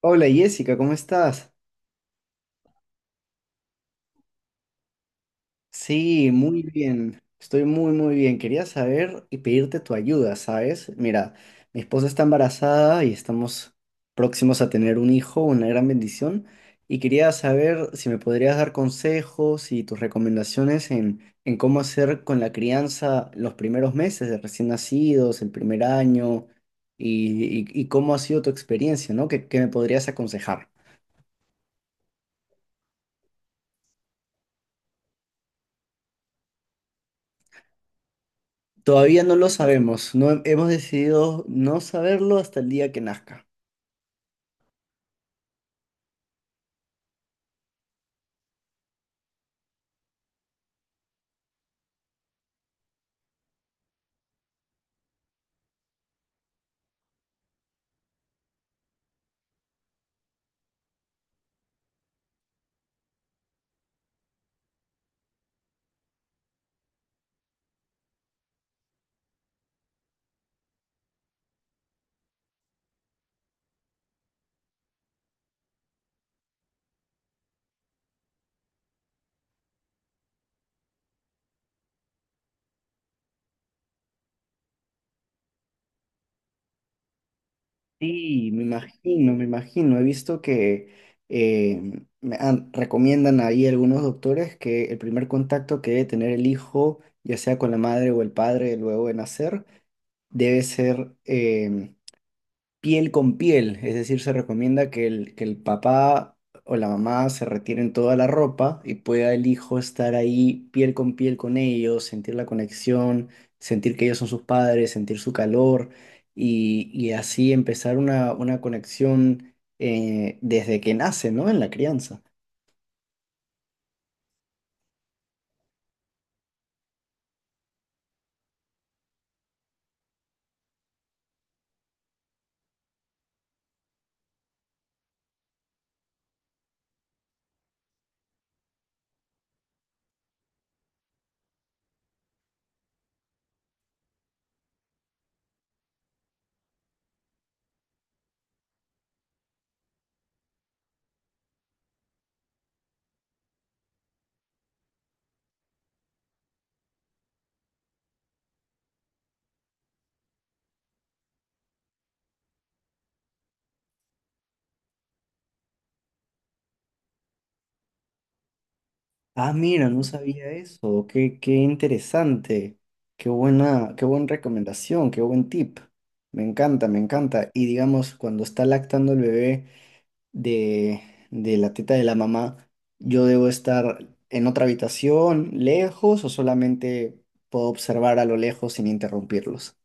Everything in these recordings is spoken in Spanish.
Hola Jessica, ¿cómo estás? Sí, muy bien. Estoy muy, muy bien. Quería saber y pedirte tu ayuda, ¿sabes? Mira, mi esposa está embarazada y estamos próximos a tener un hijo, una gran bendición. Y quería saber si me podrías dar consejos y tus recomendaciones en cómo hacer con la crianza los primeros meses de recién nacidos, el primer año, y cómo ha sido tu experiencia, ¿no? ¿Qué me podrías aconsejar? Todavía no lo sabemos, no hemos decidido no saberlo hasta el día que nazca. Sí, me imagino, me imagino. He visto que recomiendan ahí algunos doctores que el primer contacto que debe tener el hijo, ya sea con la madre o el padre luego de nacer, debe ser piel con piel, es decir, se recomienda que que el papá o la mamá se retiren toda la ropa y pueda el hijo estar ahí piel con ellos, sentir la conexión, sentir que ellos son sus padres, sentir su calor y así empezar una conexión desde que nace, ¿no? En la crianza. Ah, mira, no sabía eso. Qué interesante. Qué buena recomendación, qué buen tip. Me encanta, me encanta. Y digamos, cuando está lactando el bebé de, de la teta de la mamá, ¿yo debo estar en otra habitación, lejos, o solamente puedo observar a lo lejos sin interrumpirlos?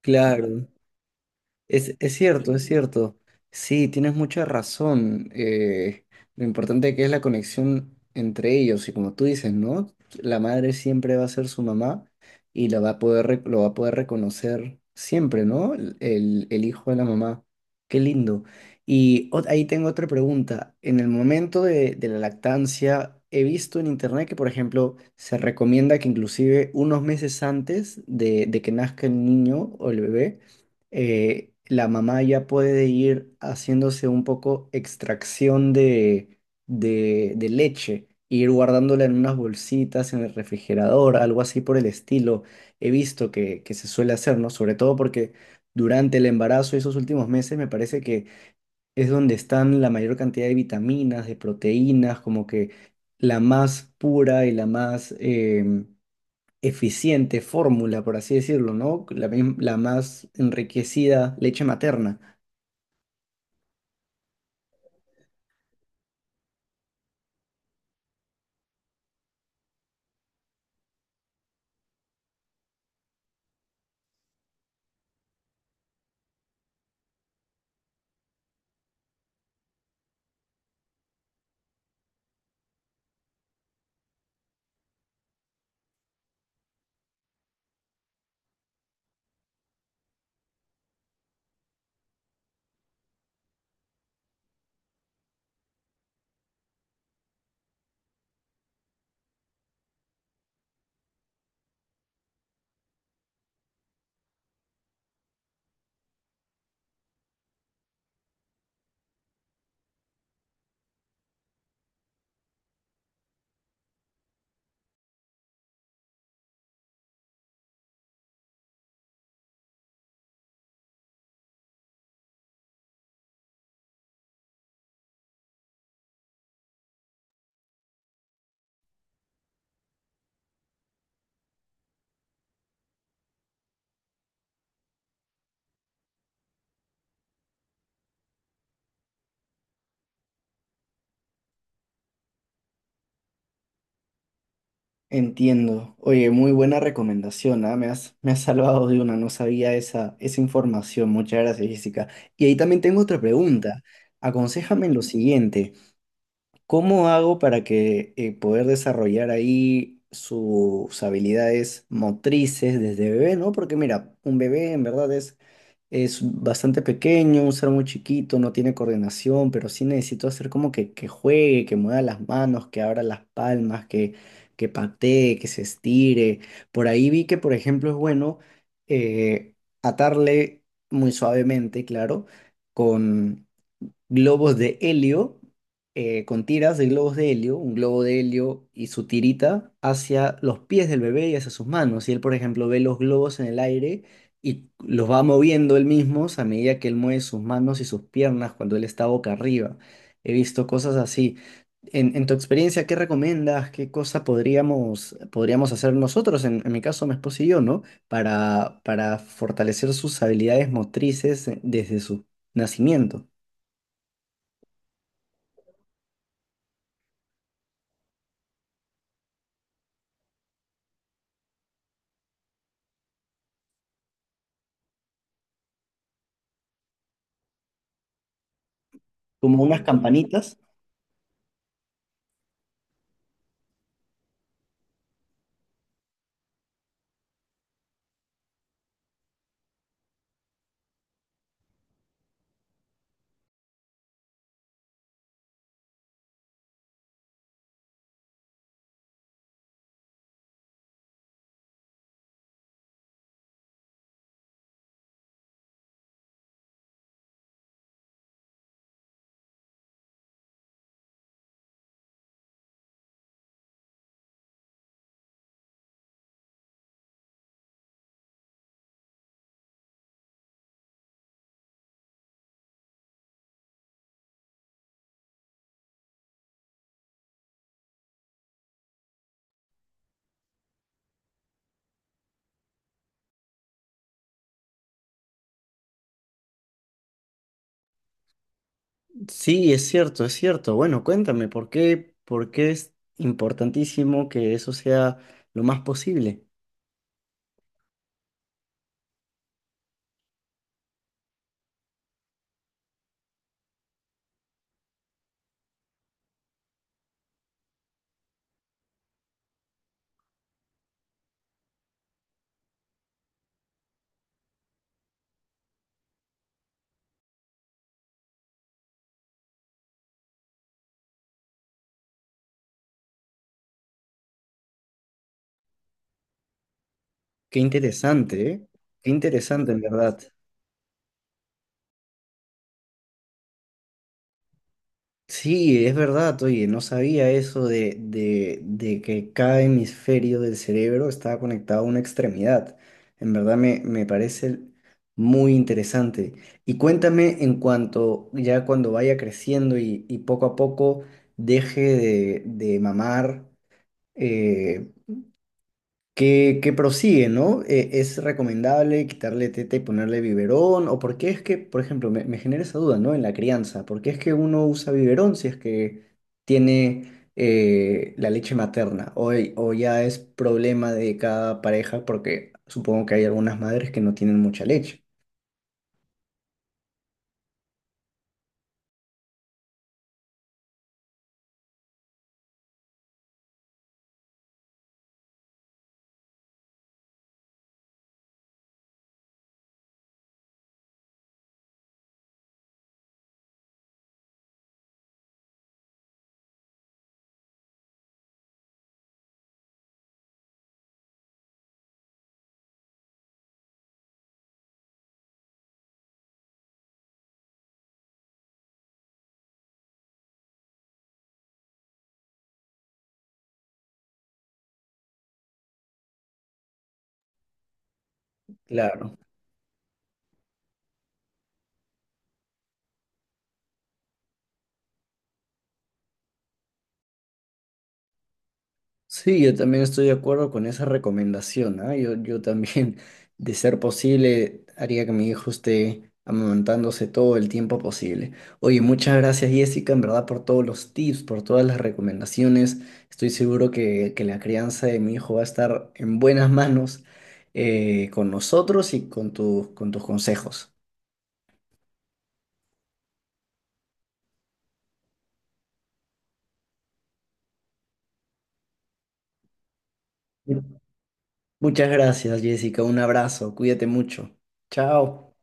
Claro. Es cierto, es cierto. Sí, tienes mucha razón. Lo importante que es la conexión entre ellos. Y como tú dices, ¿no? La madre siempre va a ser su mamá y la va a poder, lo va a poder reconocer siempre, ¿no? El hijo de la mamá. Qué lindo. Ahí tengo otra pregunta. En el momento de la lactancia, he visto en internet que, por ejemplo, se recomienda que inclusive unos meses antes de que nazca el niño o el bebé, la mamá ya puede ir haciéndose un poco extracción de leche, ir guardándola en unas bolsitas en el refrigerador, algo así por el estilo. He visto que se suele hacer, ¿no? Sobre todo porque durante el embarazo y esos últimos meses me parece que es donde están la mayor cantidad de vitaminas, de proteínas, como que la más pura y la más... em, eficiente fórmula, por así decirlo, ¿no? La más enriquecida leche materna. Entiendo. Oye, muy buena recomendación, ¿ah? Me has salvado de una, no sabía esa, esa información. Muchas gracias, Jessica. Y ahí también tengo otra pregunta. Aconséjame en lo siguiente. ¿Cómo hago para que poder desarrollar ahí sus habilidades motrices desde bebé, ¿no? Porque mira, un bebé en verdad es. Es bastante pequeño, un ser muy chiquito, no tiene coordinación, pero sí necesito hacer como que juegue, que mueva las manos, que abra las palmas, que patee, que se estire. Por ahí vi que, por ejemplo, es bueno eh, atarle muy suavemente, claro, con globos de helio, con tiras de globos de helio, un globo de helio y su tirita hacia los pies del bebé y hacia sus manos. Y él, por ejemplo, ve los globos en el aire y los va moviendo él mismo a medida que él mueve sus manos y sus piernas cuando él está boca arriba. He visto cosas así. En tu experiencia, ¿qué recomiendas? ¿Qué cosa podríamos hacer nosotros, en mi caso, mi esposo y yo, ¿no? Para fortalecer sus habilidades motrices desde su nacimiento. Como unas campanitas. Sí, es cierto, es cierto. Bueno, cuéntame, ¿por qué es importantísimo que eso sea lo más posible? Qué interesante, ¿eh? Qué interesante, en verdad. Sí, es verdad, oye, no sabía eso de que cada hemisferio del cerebro estaba conectado a una extremidad. En verdad me, me parece muy interesante. Y cuéntame en cuanto, ya cuando vaya creciendo y poco a poco deje de mamar, eh, que prosigue, ¿no? ¿Es recomendable quitarle teta y ponerle biberón? ¿O por qué es que, por ejemplo, me genera esa duda, ¿no? En la crianza, ¿por qué es que uno usa biberón si es que tiene la leche materna? O ya es problema de cada pareja porque supongo que hay algunas madres que no tienen mucha leche. Claro. Sí, yo también estoy de acuerdo con esa recomendación, ¿ah? Yo también, de ser posible, haría que mi hijo esté amamantándose todo el tiempo posible. Oye, muchas gracias, Jessica, en verdad, por todos los tips, por todas las recomendaciones. Estoy seguro que la crianza de mi hijo va a estar en buenas manos con nosotros y con tus consejos. Muchas gracias, Jessica. Un abrazo. Cuídate mucho. Chao.